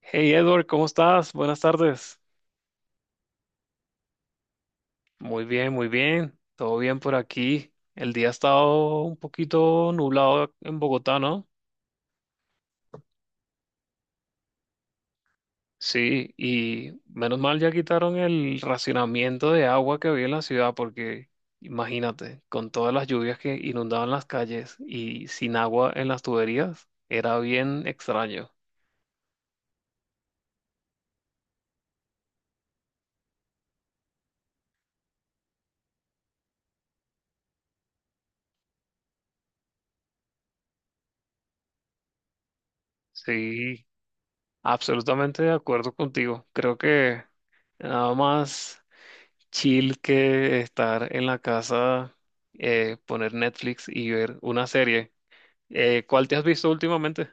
Hey Edward, ¿cómo estás? Buenas tardes. Muy bien, muy bien. Todo bien por aquí. El día ha estado un poquito nublado en Bogotá, ¿no? Sí, y menos mal ya quitaron el racionamiento de agua que había en la ciudad porque imagínate, con todas las lluvias que inundaban las calles y sin agua en las tuberías, era bien extraño. Sí, absolutamente de acuerdo contigo. Creo que nada más chill que estar en la casa, poner Netflix y ver una serie. ¿Cuál te has visto últimamente?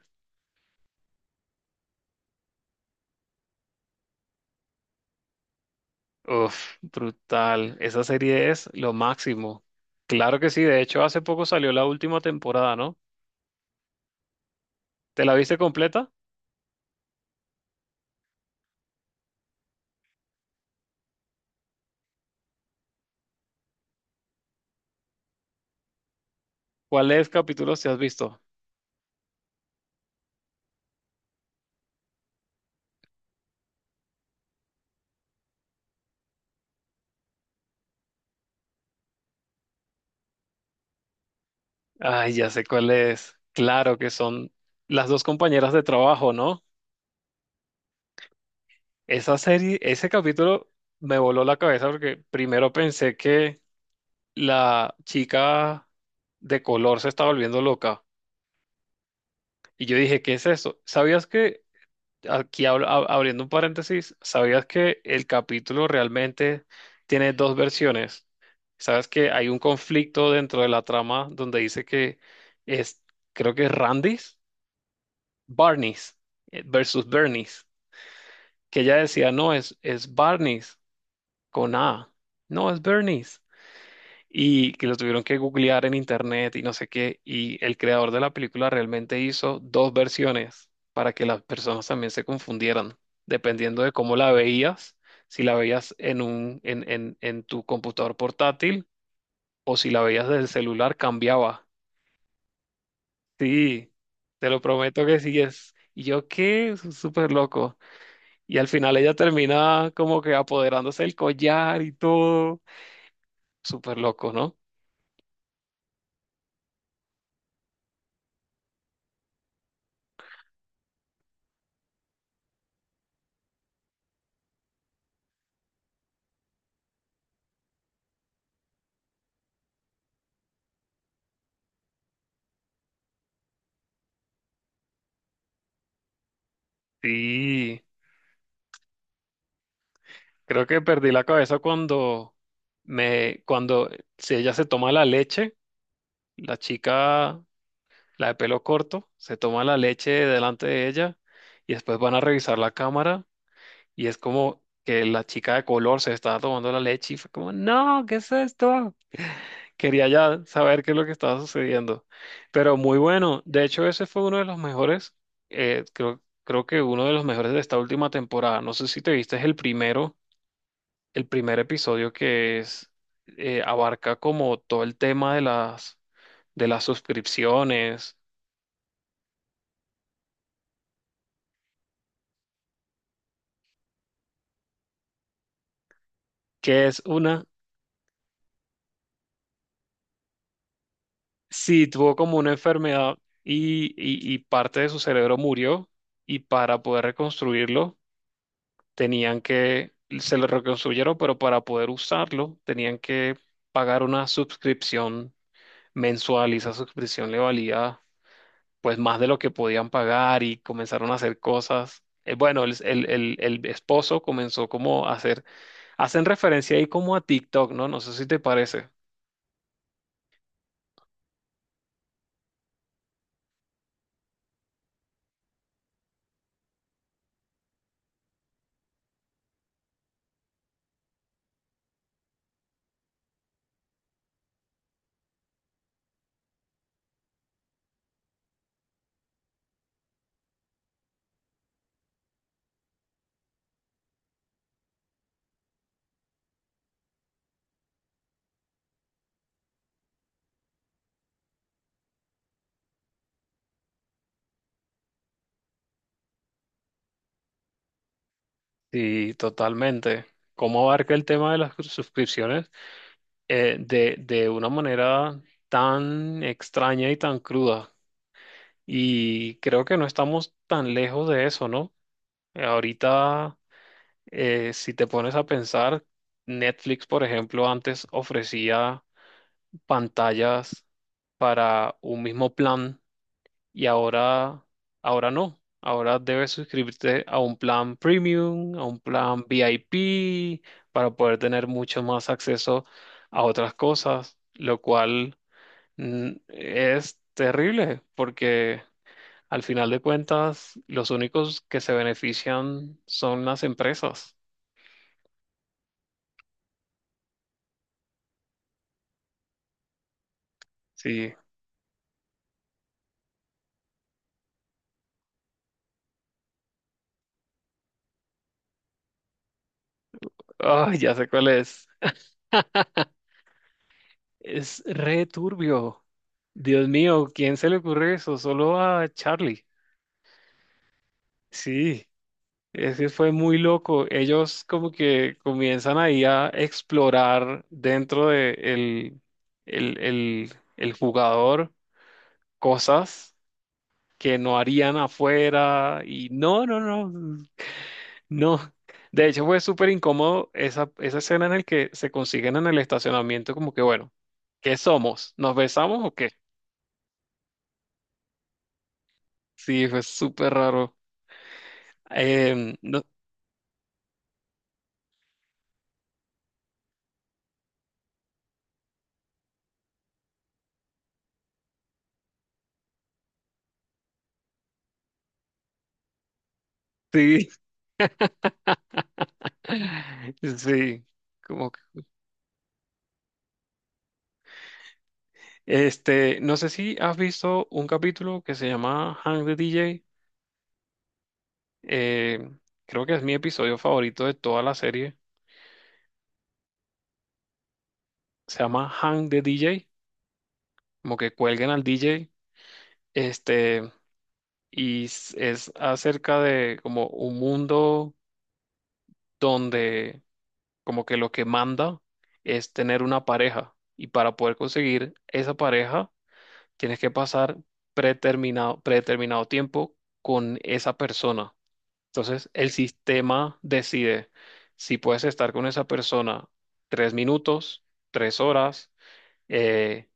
Uf, brutal. Esa serie es lo máximo. Claro que sí. De hecho, hace poco salió la última temporada, ¿no? ¿Te la viste completa? ¿Cuáles capítulos te has visto? Ay, ya sé cuál es. Claro que son las dos compañeras de trabajo, ¿no? Esa serie, ese capítulo me voló la cabeza porque primero pensé que la chica de color se estaba volviendo loca. Y yo dije, ¿qué es eso? ¿Sabías que, aquí abriendo un paréntesis, ¿sabías que el capítulo realmente tiene dos versiones? ¿Sabes que hay un conflicto dentro de la trama donde dice que es, creo que es Randy's, Barney's versus Bernie's? Que ella decía, no, es Barney's con A, no, es Bernie's. Y que lo tuvieron que googlear en internet y no sé qué. Y el creador de la película realmente hizo dos versiones para que las personas también se confundieran, dependiendo de cómo la veías, si la veías en en tu computador portátil o si la veías del celular, cambiaba. Sí, te lo prometo que sí es. Y yo qué, súper loco. Y al final ella termina como que apoderándose del collar y todo. Súper loco, ¿no? Sí. Creo que perdí la cabeza cuando me, cuando si ella se toma la leche, la chica, la de pelo corto, se toma la leche delante de ella y después van a revisar la cámara y es como que la chica de color se estaba tomando la leche y fue como, no, ¿qué es esto? Quería ya saber qué es lo que estaba sucediendo. Pero muy bueno. De hecho, ese fue uno de los mejores, creo que uno de los mejores de esta última temporada. No sé si te viste el primer episodio que es abarca como todo el tema de las suscripciones, que es una, sí, tuvo como una enfermedad y, y parte de su cerebro murió y para poder reconstruirlo tenían que, se lo reconstruyeron, pero para poder usarlo tenían que pagar una suscripción mensual y esa suscripción le valía pues más de lo que podían pagar y comenzaron a hacer cosas. Bueno, el esposo comenzó como a hacer, hacen referencia ahí como a TikTok, ¿no? No sé si te parece. Sí, totalmente. ¿Cómo abarca el tema de las suscripciones de una manera tan extraña y tan cruda? Y creo que no estamos tan lejos de eso, ¿no? Ahorita, si te pones a pensar, Netflix, por ejemplo, antes ofrecía pantallas para un mismo plan y ahora, ahora no. Ahora debes suscribirte a un plan premium, a un plan VIP, para poder tener mucho más acceso a otras cosas, lo cual es terrible porque al final de cuentas los únicos que se benefician son las empresas. Sí, ay, ya sé cuál es. Es re turbio. Dios mío, ¿quién se le ocurre eso? Solo a Charlie. Sí, ese fue muy loco. Ellos como que comienzan ahí a explorar dentro de el, el jugador cosas que no harían afuera y no, no. De hecho fue súper incómodo esa, esa escena en el que se consiguen en el estacionamiento como que bueno, ¿qué somos? ¿Nos besamos o qué? Sí, fue súper raro. No, sí, sí, como que- este, no sé si has visto un capítulo que se llama Hang the DJ. eh, Creo que es mi episodio favorito de toda la serie. Se llama Hang the DJ, como que cuelguen al DJ. Este, y es acerca de como un mundo donde como que lo que manda es tener una pareja. Y para poder conseguir esa pareja tienes que pasar predeterminado tiempo con esa persona. Entonces, el sistema decide si puedes estar con esa persona 3 minutos, 3 horas, eh,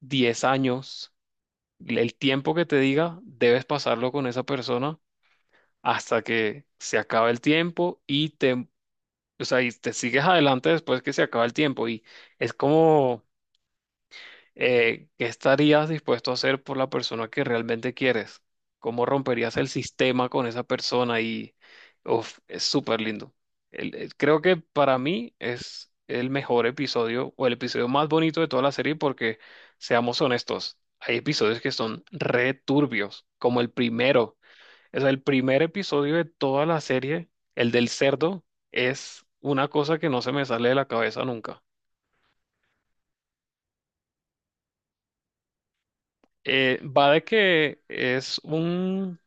10 años. El tiempo que te diga, debes pasarlo con esa persona hasta que se acabe el tiempo y te, o sea, y te sigues adelante después que se acaba el tiempo. Y es como ¿qué estarías dispuesto a hacer por la persona que realmente quieres? ¿Cómo romperías el sistema con esa persona? Y uf, es súper lindo. Creo que para mí es el mejor episodio o el episodio más bonito de toda la serie porque, seamos honestos, hay episodios que son re turbios, como el primero. O sea, el primer episodio de toda la serie, el del cerdo, es una cosa que no se me sale de la cabeza nunca. Va de que es un.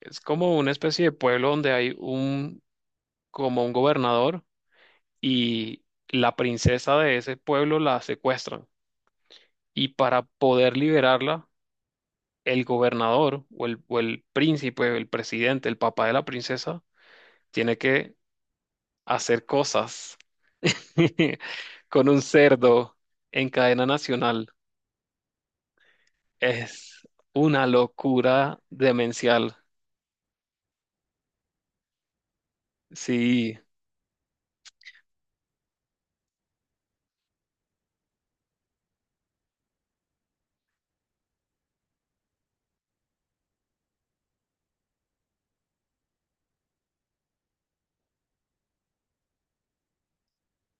Es como una especie de pueblo donde hay un, como un gobernador y la princesa de ese pueblo la secuestran. Y para poder liberarla, el gobernador o el príncipe, el presidente, el papá de la princesa, tiene que hacer cosas con un cerdo en cadena nacional. Es una locura demencial. Sí,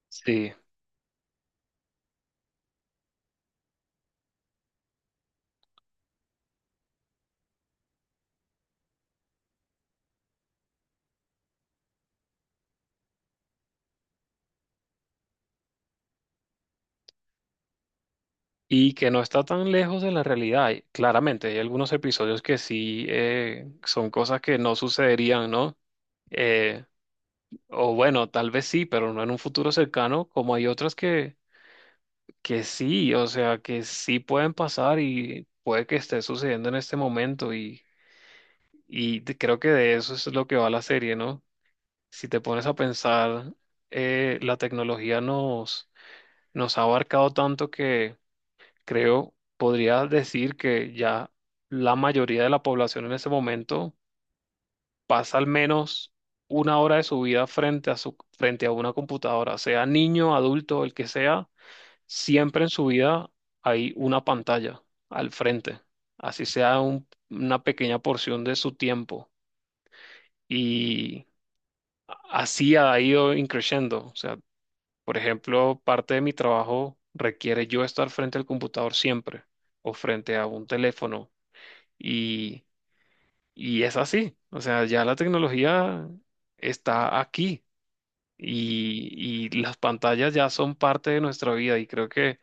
sí. Y que no está tan lejos de la realidad. Y claramente, hay algunos episodios que sí son cosas que no sucederían, ¿no? Eh, o bueno, tal vez sí, pero no en un futuro cercano, como hay otras que sí, o sea, que sí pueden pasar y puede que esté sucediendo en este momento y, creo que de eso es lo que va la serie, ¿no? Si te pones a pensar, la tecnología nos ha abarcado tanto creo, podría decir que ya la mayoría de la población en ese momento pasa al menos una hora de su vida frente a frente a una computadora, sea niño, adulto, el que sea, siempre en su vida hay una pantalla al frente, así sea una pequeña porción de su tiempo. Y así ha ido increciendo. O sea, por ejemplo, parte de mi trabajo requiere yo estar frente al computador siempre o frente a un teléfono. Y, y es así, o sea, ya la tecnología está aquí y las pantallas ya son parte de nuestra vida y creo que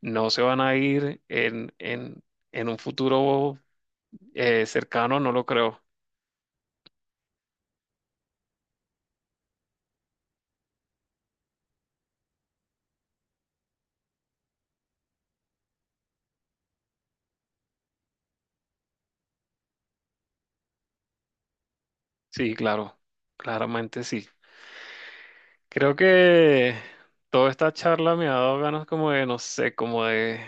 no se van a ir en un futuro cercano, no lo creo. Sí, claro, claramente sí. Creo que toda esta charla me ha dado ganas como de, no sé,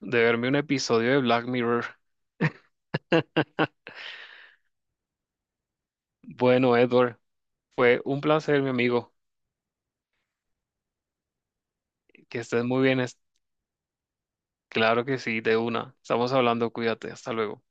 de verme un episodio de Black Mirror. Bueno, Edward, fue un placer, mi amigo. Que estés muy bien. Claro que sí, de una. Estamos hablando, cuídate, hasta luego.